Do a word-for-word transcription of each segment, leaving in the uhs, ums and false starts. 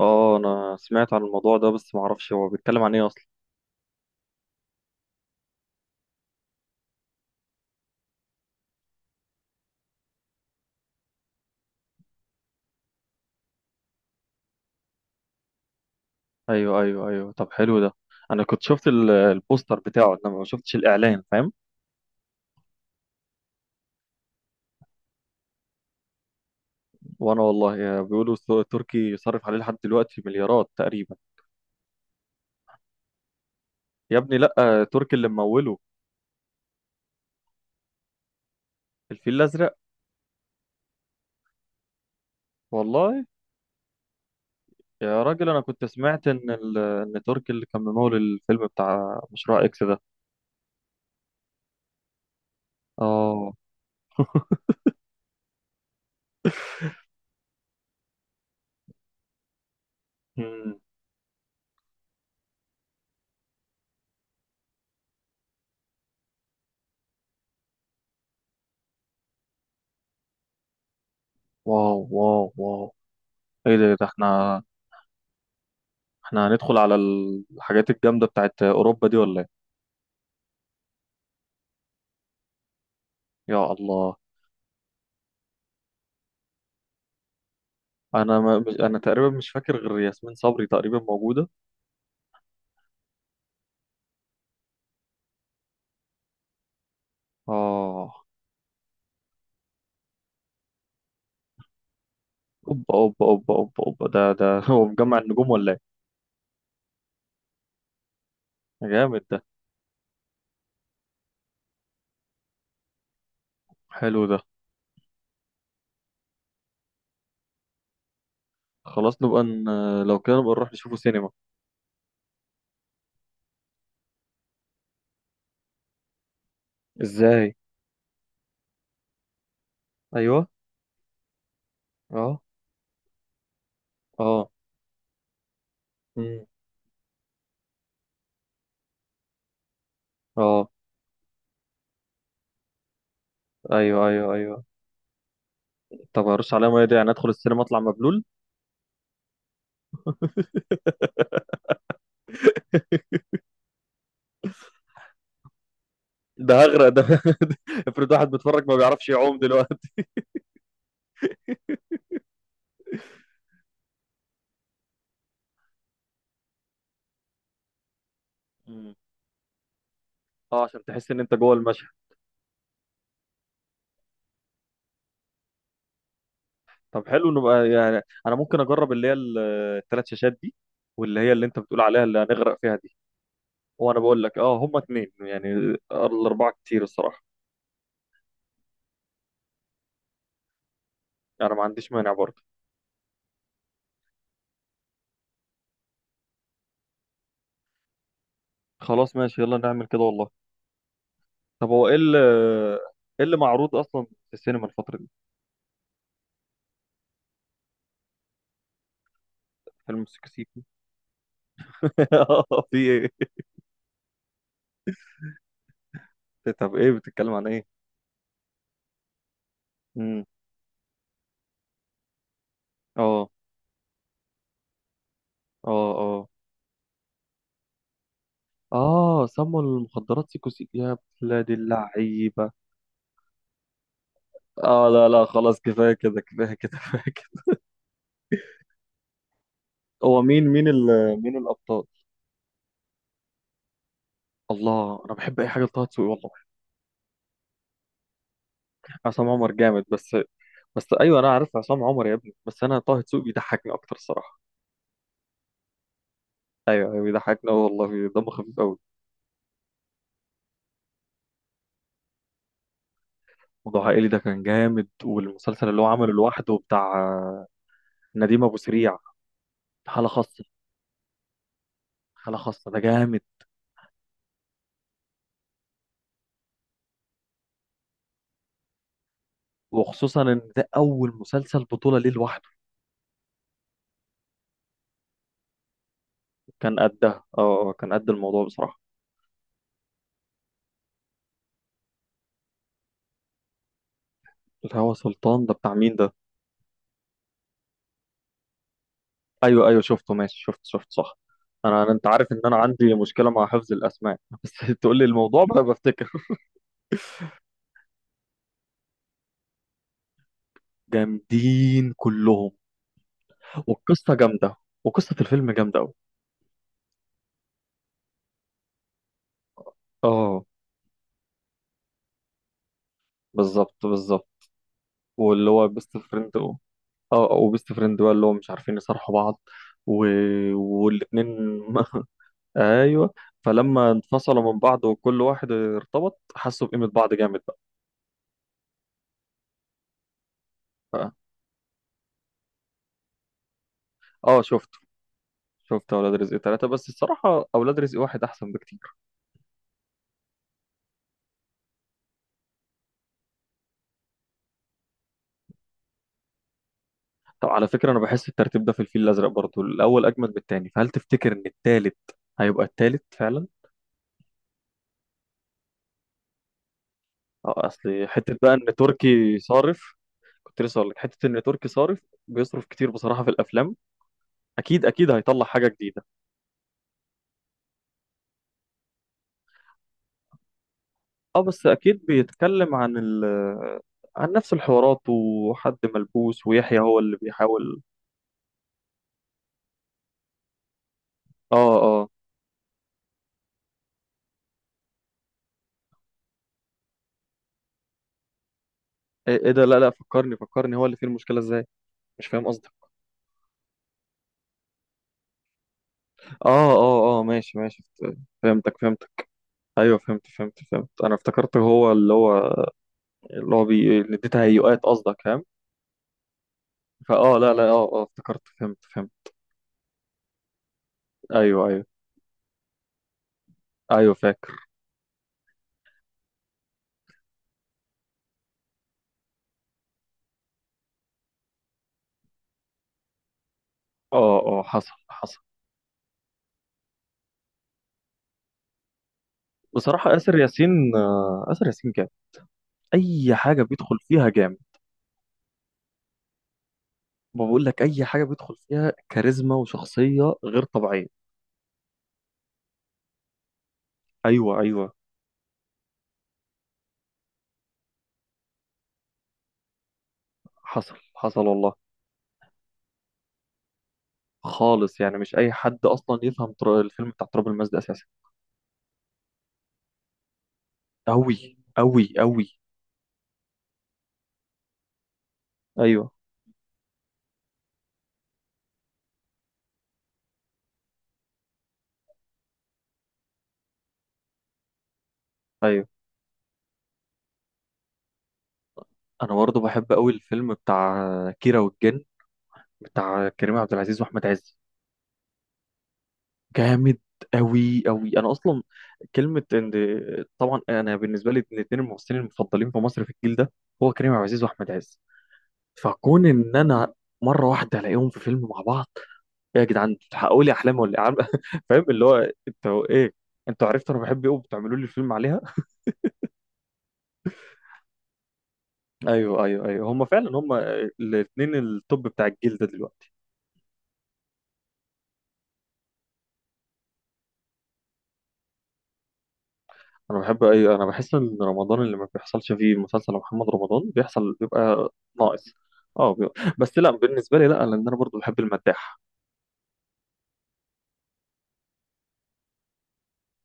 اه انا سمعت عن الموضوع ده، بس ما اعرفش هو بيتكلم عن ايه اصلا. ايوه ايوه ايوه، طب حلو ده. انا كنت شفت ال- البوستر بتاعه، انما ما شفتش الاعلان، فاهم. وانا والله بيقولوا السوق التركي يصرف عليه لحد دلوقتي مليارات تقريبا. يا ابني لا، تركي اللي مموله. الفيل الازرق. والله. يا راجل انا كنت سمعت ان ال... ان تركي اللي كان ممول الفيلم بتاع مشروع اكس ده. اه. مم. واو واو واو. ايه ده، إيه ده، احنا احنا هندخل على الحاجات الجامدة بتاعت اوروبا دي ولا؟ يا الله. انا ما مش انا تقريبا مش فاكر غير ياسمين صبري تقريبا موجوده. اه. اوبا اوبا اوبا اوبا اوبا، ده ده هو مجمع النجوم ولا ايه؟ جامد ده. حلو ده. خلاص نبقى ن... لو كده نبقى نروح نشوفه سينما. ازاي؟ ايوه. اه. اه. امم. اه. ايوه ايوه ايوه، طب هرش عليا ميه دي، يعني ادخل السينما اطلع مبلول؟ ده هغرق ده. افرض واحد بيتفرج ما بيعرفش يعوم دلوقتي. مم. اه، عشان تحس ان انت جوه المشهد. طب حلو، نبقى يعني انا ممكن اجرب اللي هي ال- الثلاث شاشات دي، واللي هي اللي انت بتقول عليها اللي هنغرق فيها دي. وانا بقول لك اه، هما اتنين يعني، الاربعه كتير الصراحه. انا ما عنديش مانع برضه. خلاص ماشي، يلا نعمل كده والله. طب هو ايه اللي ايه اللي معروض اصلا في السينما الفتره دي؟ فيلم سيكو سيكو. في ايه؟ طب ايه، بتتكلم عن ايه؟ امم. اه. اه. اه. اه سموا المخدرات سيكو سيكو، يا بلاد اللعيبه. اه لا لا، خلاص كفايه كده كفايه كده. هو مين مين ال... مين الابطال؟ الله، انا بحب اي حاجه لطه دسوقي والله. عصام عمر جامد بس. بس ايوه انا عارف عصام عمر يا ابني، بس انا طه دسوقي بيضحكني اكتر الصراحه. ايوه أيوة، بيضحكني أوي والله، دمه خفيف قوي. موضوع عائلي ده كان جامد، والمسلسل اللي هو عمله لوحده بتاع آه، نديم ابو سريع، حاله خاصه. حاله خاصه ده جامد. وخصوصا ان ده اول مسلسل بطوله ليه لوحده. كان قدها، اه آه، كان قد الموضوع بصراحه. الهوى سلطان ده بتاع مين ده؟ ايوه ايوه شفته، ماشي، شفت شفت صح. انا أنا- انت عارف ان انا عندي مشكله مع حفظ الاسماء. بس تقول لي الموضوع بقى بفتكر. جامدين كلهم. والقصه جامده، وقصه الفيلم جامده قوي. اه، بالظبط بالظبط، واللي هو بيست فريند. اه، وبيست فريند بقى اللي هو مش عارفين يصارحوا بعض، و... والاتنين. ايوه. فلما انفصلوا من بعض وكل واحد ارتبط، حسوا بقيمه بعض جامد بقى. ف- اه شفته. شفت اولاد رزق ثلاثة، بس الصراحه اولاد رزق واحد احسن بكتير. طب على فكرة، أنا بحس الترتيب ده في الفيل الأزرق برضه، الأول أجمد من التاني، فهل تفتكر إن التالت هيبقى التالت فعلا؟ أه، أصل حتة بقى إن تركي صارف. كنت لسه أقول لك، حتة إن تركي صارف، بيصرف كتير بصراحة في الأفلام، أكيد أكيد هيطلع حاجة جديدة. أه بس أكيد بيتكلم عن ال، عن نفس الحوارات وحد ملبوس ويحيى هو اللي بيحاول. أه. أه. إيه إيه ده، لا لا، فكرني فكرني، هو اللي فيه المشكلة إزاي؟ مش فاهم قصدك. أه. أه أه، ماشي ماشي. فهمتك فهمتك. ايوه فهمت فهمت فهمت انا افتكرت هو اللي هو اللي هو بي... اللي دي تهيؤات قصدك فاهم. فاه لا لا، مم. اه اه، افتكرت، فهمت فهمت. ايوه ايوه ايوه، فاكر. اه اه حصل حصل. بصراحة آسر ياسين، آه، آسر ياسين جامد. أي حاجة بيدخل فيها جامد. ما بقول لك، أي حاجة بيدخل فيها كاريزما وشخصية غير طبيعية. أيوه أيوه. حصل حصل والله. خالص يعني، مش أي حد أصلا يفهم تر- الفيلم بتاع تراب الماس ده أساسا. أوي أوي أوي. أيوه أيوه. انا برضه بحب قوي الفيلم بتاع كيرة والجن، بتاع كريم عبد العزيز واحمد عز. جامد قوي قوي. انا اصلا كلمه ان، طبعا انا بالنسبه لي من اتنين الممثلين المفضلين في مصر في الجيل ده، هو كريم عبد العزيز واحمد عز، فكون ان انا مره واحده الاقيهم في فيلم مع بعض، ايه يا جدعان انتوا بتحققوا لي احلامي ولا إيه؟ عارف- فاهم اللي هو انتوا ايه، انتوا عرفتوا انا بحب ايه وبتعملوا لي الفيلم عليها. ايوه ايوه ايوه، هم فعلا هم الاثنين التوب بتاع الجيل ده دلوقتي. انا بحب اي، انا بحس ان رمضان اللي ما بيحصلش فيه مسلسل محمد رمضان بيحصل بيبقى ناقص. اه بيبقى. بس لا، بالنسبه لي لا، لان انا برضو بحب المداح.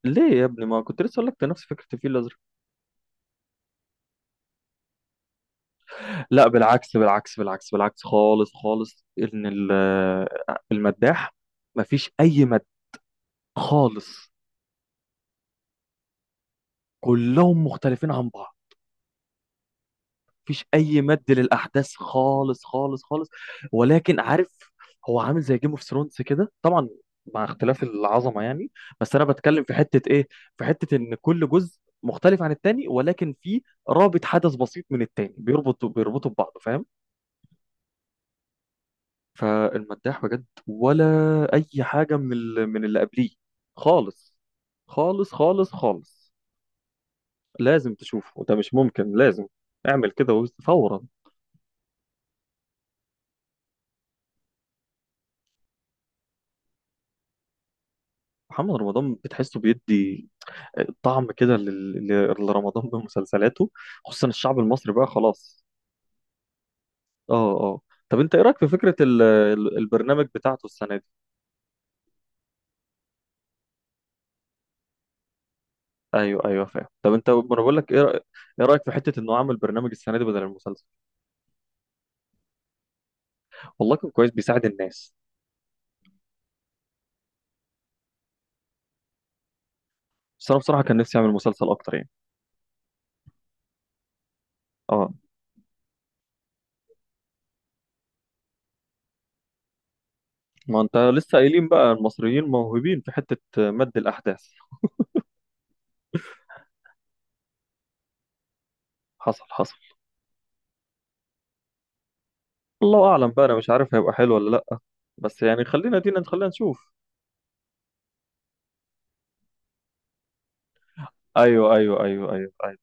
ليه يا ابني، ما كنت لسه اقول لك ده نفس فكره الفيل الازرق. لا بالعكس بالعكس بالعكس بالعكس خالص خالص، ان ال- آه، المداح ما فيش اي مد خالص. كلهم مختلفين عن بعض، مفيش اي مد للاحداث خالص خالص خالص. ولكن عارف، هو عامل زي جيم اوف ثرونز كده طبعا، مع اختلاف العظمه يعني. بس انا بتكلم في حته ايه، في حته ان كل جزء مختلف عن التاني، ولكن في رابط حدث بسيط من التاني بيربطوا بيربطوا ببعض فاهم. فالمداح بجد ولا اي حاجه من ال- من اللي قبليه خالص خالص خالص خالص. لازم تشوفه، ده مش ممكن، لازم اعمل كده وز- فورا. محمد رمضان بتحسه بيدي طعم كده لل- لل- لرمضان بمسلسلاته، خصوصا الشعب المصري بقى خلاص. اه. اه. طب انت ايه رايك في فكره ال- ال- البرنامج بتاعته السنه دي؟ ايوه ايوه فاهم. طب انت، ما انا بقول لك، ايه رأي- ايه رايك في حته انه عمل برنامج السنه دي بدل المسلسل؟ والله كان كويس بيساعد الناس. بس انا بصراحه كان نفسي اعمل مسلسل اكتر يعني. اه ما انت لسه قايلين بقى المصريين موهوبين في حته مد الاحداث. حصل حصل. الله اعلم بقى، انا مش عارف هيبقى حلو ولا لا، بس يعني خلينا دينا، خلينا نشوف. ايوه ايوه ايوه ايوه. أيوه.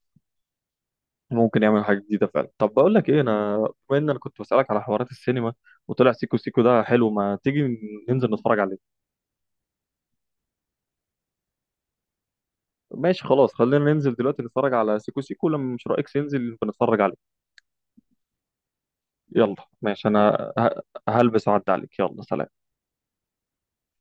ممكن يعمل حاجة جديدة فعلا. طب بقول لك ايه، انا بما ان انا كنت بسألك على حوارات السينما وطلع سيكو سيكو ده حلو، ما تيجي ننزل نتفرج عليه؟ ماشي خلاص، خلينا ننزل دلوقتي نتفرج على سيكو سيكو، لما مش رأيك ننزل بنتفرج عليه. يلا ماشي، انا ه- هلبس وأعدي عليك، يلا سلام.